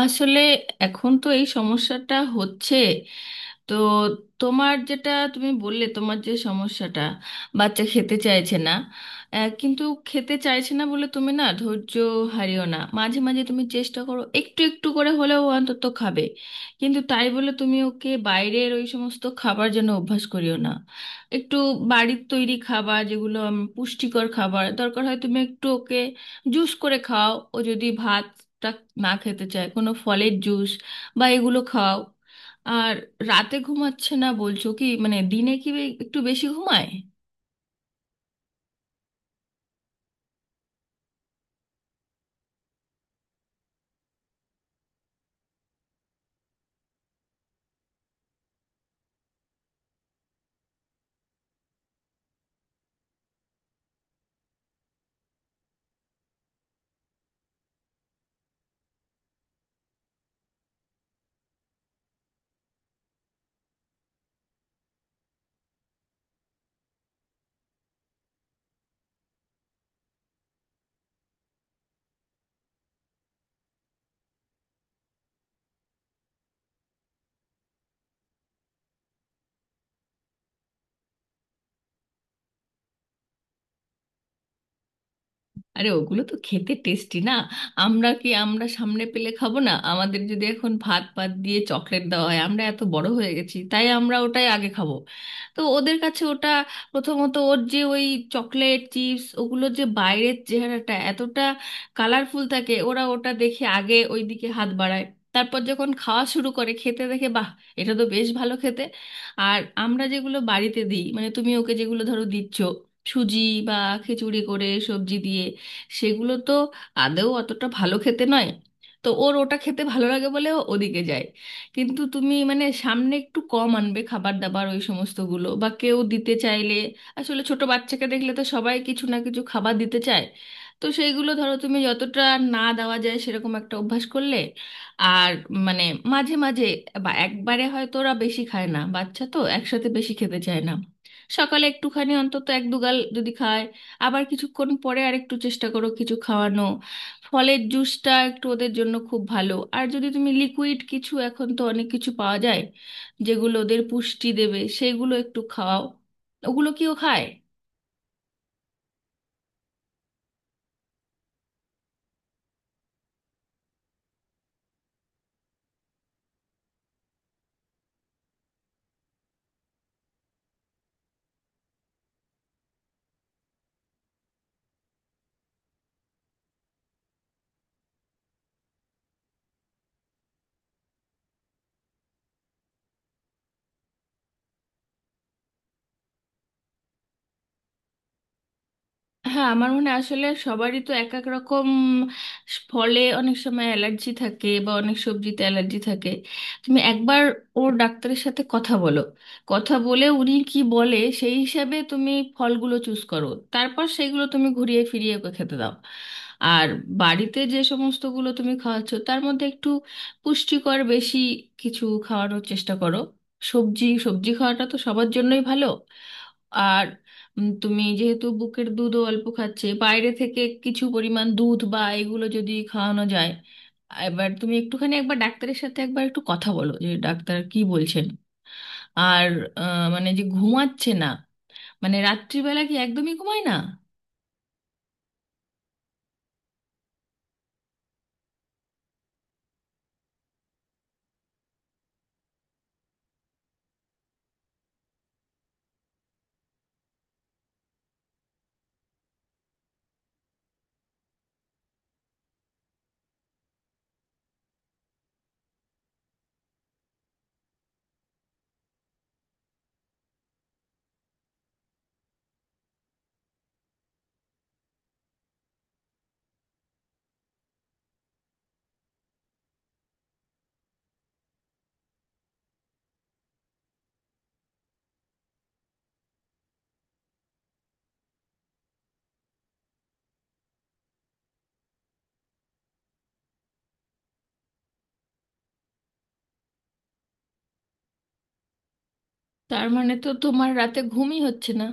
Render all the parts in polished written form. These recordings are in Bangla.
আসলে এখন তো এই সমস্যাটা হচ্ছে, তো তোমার যেটা তুমি বললে, তোমার যে সমস্যাটা বাচ্চা খেতে চাইছে না। কিন্তু খেতে চাইছে না বলে তুমি না ধৈর্য হারিও না। মাঝে মাঝে তুমি চেষ্টা করো, একটু একটু করে হলেও ও অন্তত খাবে। কিন্তু তাই বলে তুমি ওকে বাইরের ওই সমস্ত খাবার যেন অভ্যাস করিও না। একটু বাড়ির তৈরি খাবার, যেগুলো পুষ্টিকর খাবার দরকার হয়, তুমি একটু ওকে জুস করে খাও। ও যদি ভাতটা না খেতে চায়, কোনো ফলের জুস বা এগুলো খাও। আর রাতে ঘুমাচ্ছে না বলছো, কি মানে দিনে কি একটু বেশি ঘুমায়? আরে ওগুলো তো খেতে টেস্টি না। আমরা কি আমরা সামনে পেলে খাবো না? আমাদের যদি এখন ভাত ভাত দিয়ে চকলেট দেওয়া হয়, আমরা এত বড় হয়ে গেছি তাই আমরা ওটাই আগে খাবো। তো ওদের কাছে ওটা প্রথমত ওর যে ওই চকলেট চিপস ওগুলো যে বাইরের চেহারাটা এতটা কালারফুল থাকে, ওরা ওটা দেখে আগে ওই দিকে হাত বাড়ায়। তারপর যখন খাওয়া শুরু করে, খেতে দেখে বাহ, এটা তো বেশ ভালো খেতে। আর আমরা যেগুলো বাড়িতে দিই, মানে তুমি ওকে যেগুলো ধরো দিচ্ছ, সুজি বা খিচুড়ি করে সবজি দিয়ে, সেগুলো তো আদৌ অতটা ভালো খেতে নয়। তো ওর ওটা খেতে ভালো লাগে বলে ও ওদিকে যায়। কিন্তু তুমি মানে সামনে একটু কম আনবে খাবার দাবার ওই সমস্তগুলো, বা কেউ দিতে চাইলে, আসলে ছোট বাচ্চাকে দেখলে তো সবাই কিছু না কিছু খাবার দিতে চায়, তো সেইগুলো ধরো তুমি যতটা না দেওয়া যায় সেরকম একটা অভ্যাস করলে। আর মানে মাঝে মাঝে বা একবারে হয়তো ওরা বেশি খায় না, বাচ্চা তো একসাথে বেশি খেতে চায় না। সকালে একটুখানি অন্তত এক দুগাল যদি খায়, আবার কিছুক্ষণ পরে আরেকটু চেষ্টা করো কিছু খাওয়ানো। ফলের জুসটা একটু ওদের জন্য খুব ভালো। আর যদি তুমি লিকুইড কিছু, এখন তো অনেক কিছু পাওয়া যায় যেগুলো ওদের পুষ্টি দেবে, সেগুলো একটু খাওয়াও। ওগুলো কিও খায়? হ্যাঁ, আমার মনে হয় আসলে সবারই তো এক এক রকম, ফলে অনেক সময় অ্যালার্জি থাকে বা অনেক সবজিতে অ্যালার্জি থাকে। তুমি একবার ওর ডাক্তারের সাথে কথা বলো। কথা বলে উনি কি বলে সেই হিসাবে তুমি ফলগুলো চুজ করো। তারপর সেইগুলো তুমি ঘুরিয়ে ফিরিয়ে ওকে খেতে দাও। আর বাড়িতে যে সমস্তগুলো তুমি খাওয়াচ্ছ তার মধ্যে একটু পুষ্টিকর বেশি কিছু খাওয়ানোর চেষ্টা করো। সবজি সবজি খাওয়াটা তো সবার জন্যই ভালো। আর তুমি যেহেতু বুকের দুধও অল্প খাচ্ছে, বাইরে থেকে কিছু পরিমাণ দুধ বা এগুলো যদি খাওয়ানো যায়। এবার তুমি একটুখানি একবার ডাক্তারের সাথে একবার একটু কথা বলো যে ডাক্তার কি বলছেন। আর মানে যে ঘুমাচ্ছে না, মানে রাত্রিবেলা কি একদমই ঘুমায় না? তার মানে তো তোমার রাতে ঘুমই হচ্ছে না।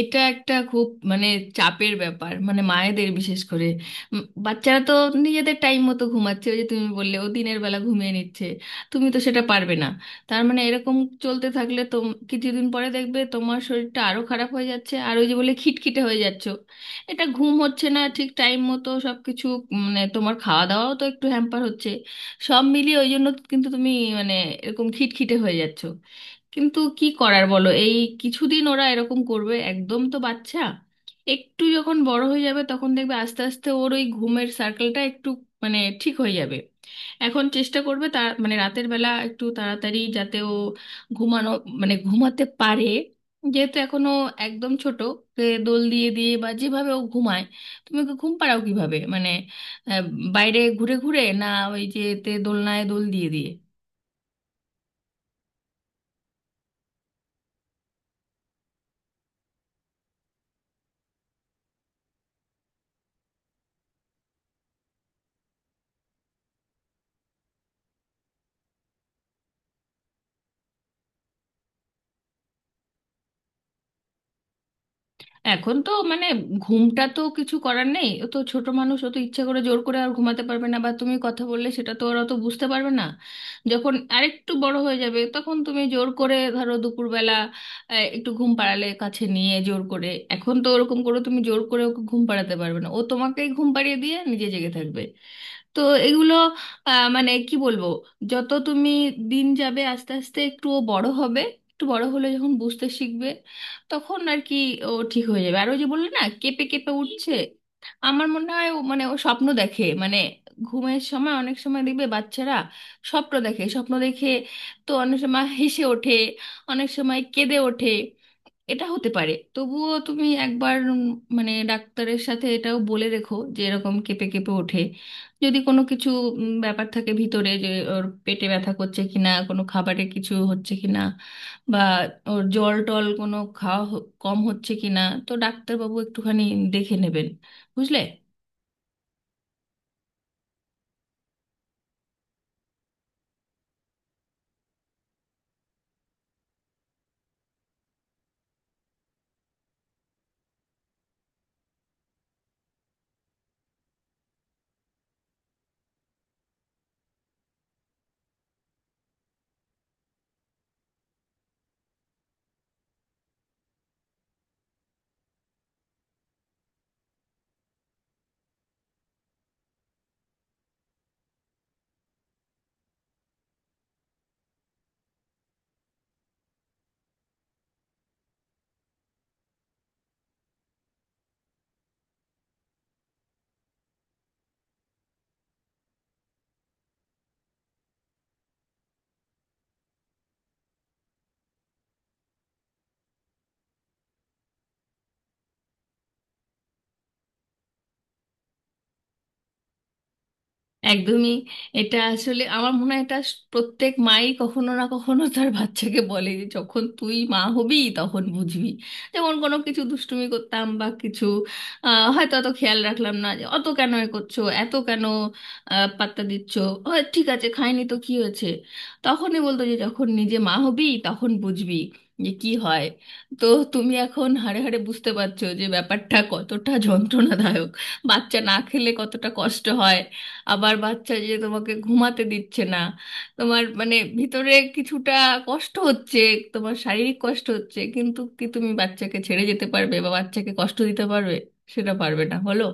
এটা একটা খুব মানে চাপের ব্যাপার, মানে মায়েদের বিশেষ করে। বাচ্চারা তো নিজেদের টাইম মতো ঘুমাচ্ছে, ওই যে তুমি বললে ও দিনের বেলা ঘুমিয়ে নিচ্ছে, তুমি তো সেটা পারবে না। তার মানে এরকম চলতে থাকলে তো কিছুদিন পরে দেখবে তোমার শরীরটা আরো খারাপ হয়ে যাচ্ছে, আর ওই যে বলে খিটখিটে হয়ে যাচ্ছ। এটা ঘুম হচ্ছে না ঠিক টাইম মতো সব কিছু, মানে তোমার খাওয়া দাওয়াও তো একটু হ্যাম্পার হচ্ছে, সব মিলিয়ে ওই জন্য কিন্তু তুমি মানে এরকম খিটখিটে হয়ে যাচ্ছ। কিন্তু কি করার বলো, এই কিছুদিন ওরা এরকম করবে, একদম তো বাচ্চা। একটু যখন বড় হয়ে যাবে তখন দেখবে আস্তে আস্তে ওর ওই ঘুমের সার্কেলটা একটু মানে ঠিক হয়ে যাবে। এখন চেষ্টা করবে, তার মানে রাতের বেলা একটু তাড়াতাড়ি যাতে ও ঘুমানো মানে ঘুমাতে পারে। যেহেতু এখনো একদম ছোট, ওকে দোল দিয়ে দিয়ে বা যেভাবে ও ঘুমায়, তুমি ওকে ঘুম পাড়াও কিভাবে মানে? আহ, বাইরে ঘুরে ঘুরে না ওই যে তে দোলনায় দোল দিয়ে দিয়ে? এখন তো মানে ঘুমটা তো কিছু করার নেই, ও তো ছোট মানুষ, ও তো ইচ্ছে করে জোর করে আর ঘুমাতে পারবে না, বা তুমি কথা বললে সেটা তো ওরা তো বুঝতে পারবে না। যখন আরেকটু বড় হয়ে যাবে তখন তুমি জোর করে ধরো দুপুরবেলা একটু ঘুম পাড়ালে কাছে নিয়ে জোর করে। এখন তো ওরকম করে তুমি জোর করে ওকে ঘুম পাড়াতে পারবে না, ও তোমাকেই ঘুম পাড়িয়ে দিয়ে নিজে জেগে থাকবে। তো এগুলো মানে কি বলবো, যত তুমি দিন যাবে আস্তে আস্তে একটু ও বড় হবে, একটু বড় হলে যখন বুঝতে শিখবে তখন আর কি ও ঠিক হয়ে যাবে। আর ওই যে বললে না কেঁপে কেঁপে উঠছে, আমার মনে হয় ও মানে ও স্বপ্ন দেখে, মানে ঘুমের সময় অনেক সময় দেখবে বাচ্চারা স্বপ্ন দেখে স্বপ্ন দেখে, তো অনেক সময় হেসে ওঠে, অনেক সময় কেঁদে ওঠে। এটা হতে পারে, তবুও তুমি একবার মানে ডাক্তারের সাথে এটাও বলে রেখো যে এরকম কেঁপে কেঁপে ওঠে, যদি কোনো কিছু ব্যাপার থাকে ভিতরে, যে ওর পেটে ব্যথা করছে কিনা, কোনো খাবারে কিছু হচ্ছে কিনা, বা ওর জল টল কোনো খাওয়া কম হচ্ছে কিনা, তো ডাক্তারবাবু একটুখানি দেখে নেবেন, বুঝলে? একদমই। এটা আসলে আমার মনে হয় এটা প্রত্যেক মাই কখনো না কখনো তার বাচ্চাকে বলে যে যখন তুই মা হবি তখন বুঝবি। যেমন কোনো কিছু দুষ্টুমি করতাম বা কিছু হয়তো অত খেয়াল রাখলাম না, যে অত কেন এ করছো, এত কেন পাত্তা দিচ্ছ, ও, ঠিক আছে খাইনি তো কি হয়েছে, তখনই বলতো যে যখন নিজে মা হবি তখন বুঝবি যে কি হয়। তো তুমি এখন হাড়ে হাড়ে বুঝতে পারছো যে ব্যাপারটা কতটা যন্ত্রণাদায়ক, বাচ্চা না খেলে কতটা কষ্ট হয়। আবার বাচ্চা যে তোমাকে ঘুমাতে দিচ্ছে না, তোমার মানে ভিতরে কিছুটা কষ্ট হচ্ছে, তোমার শারীরিক কষ্ট হচ্ছে, কিন্তু কি তুমি বাচ্চাকে ছেড়ে যেতে পারবে, বা বাচ্চাকে কষ্ট দিতে পারবে? সেটা পারবে না বলো।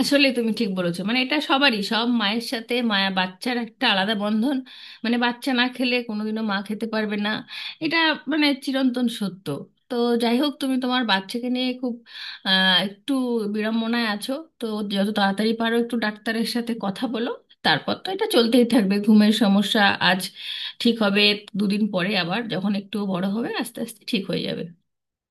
আসলে তুমি ঠিক বলেছো, মানে এটা সবারই সব মায়ের সাথে মায়া, বাচ্চার একটা আলাদা বন্ধন, মানে বাচ্চা না খেলে কোনোদিনও মা খেতে পারবে না, এটা মানে চিরন্তন সত্য। তো যাই হোক, তুমি তোমার বাচ্চাকে নিয়ে খুব একটু বিড়ম্বনায় আছো, তো যত তাড়াতাড়ি পারো একটু ডাক্তারের সাথে কথা বলো। তারপর তো এটা চলতেই থাকবে ঘুমের সমস্যা, আজ ঠিক হবে, দুদিন পরে আবার, যখন একটু বড় হবে আস্তে আস্তে ঠিক হয়ে যাবে।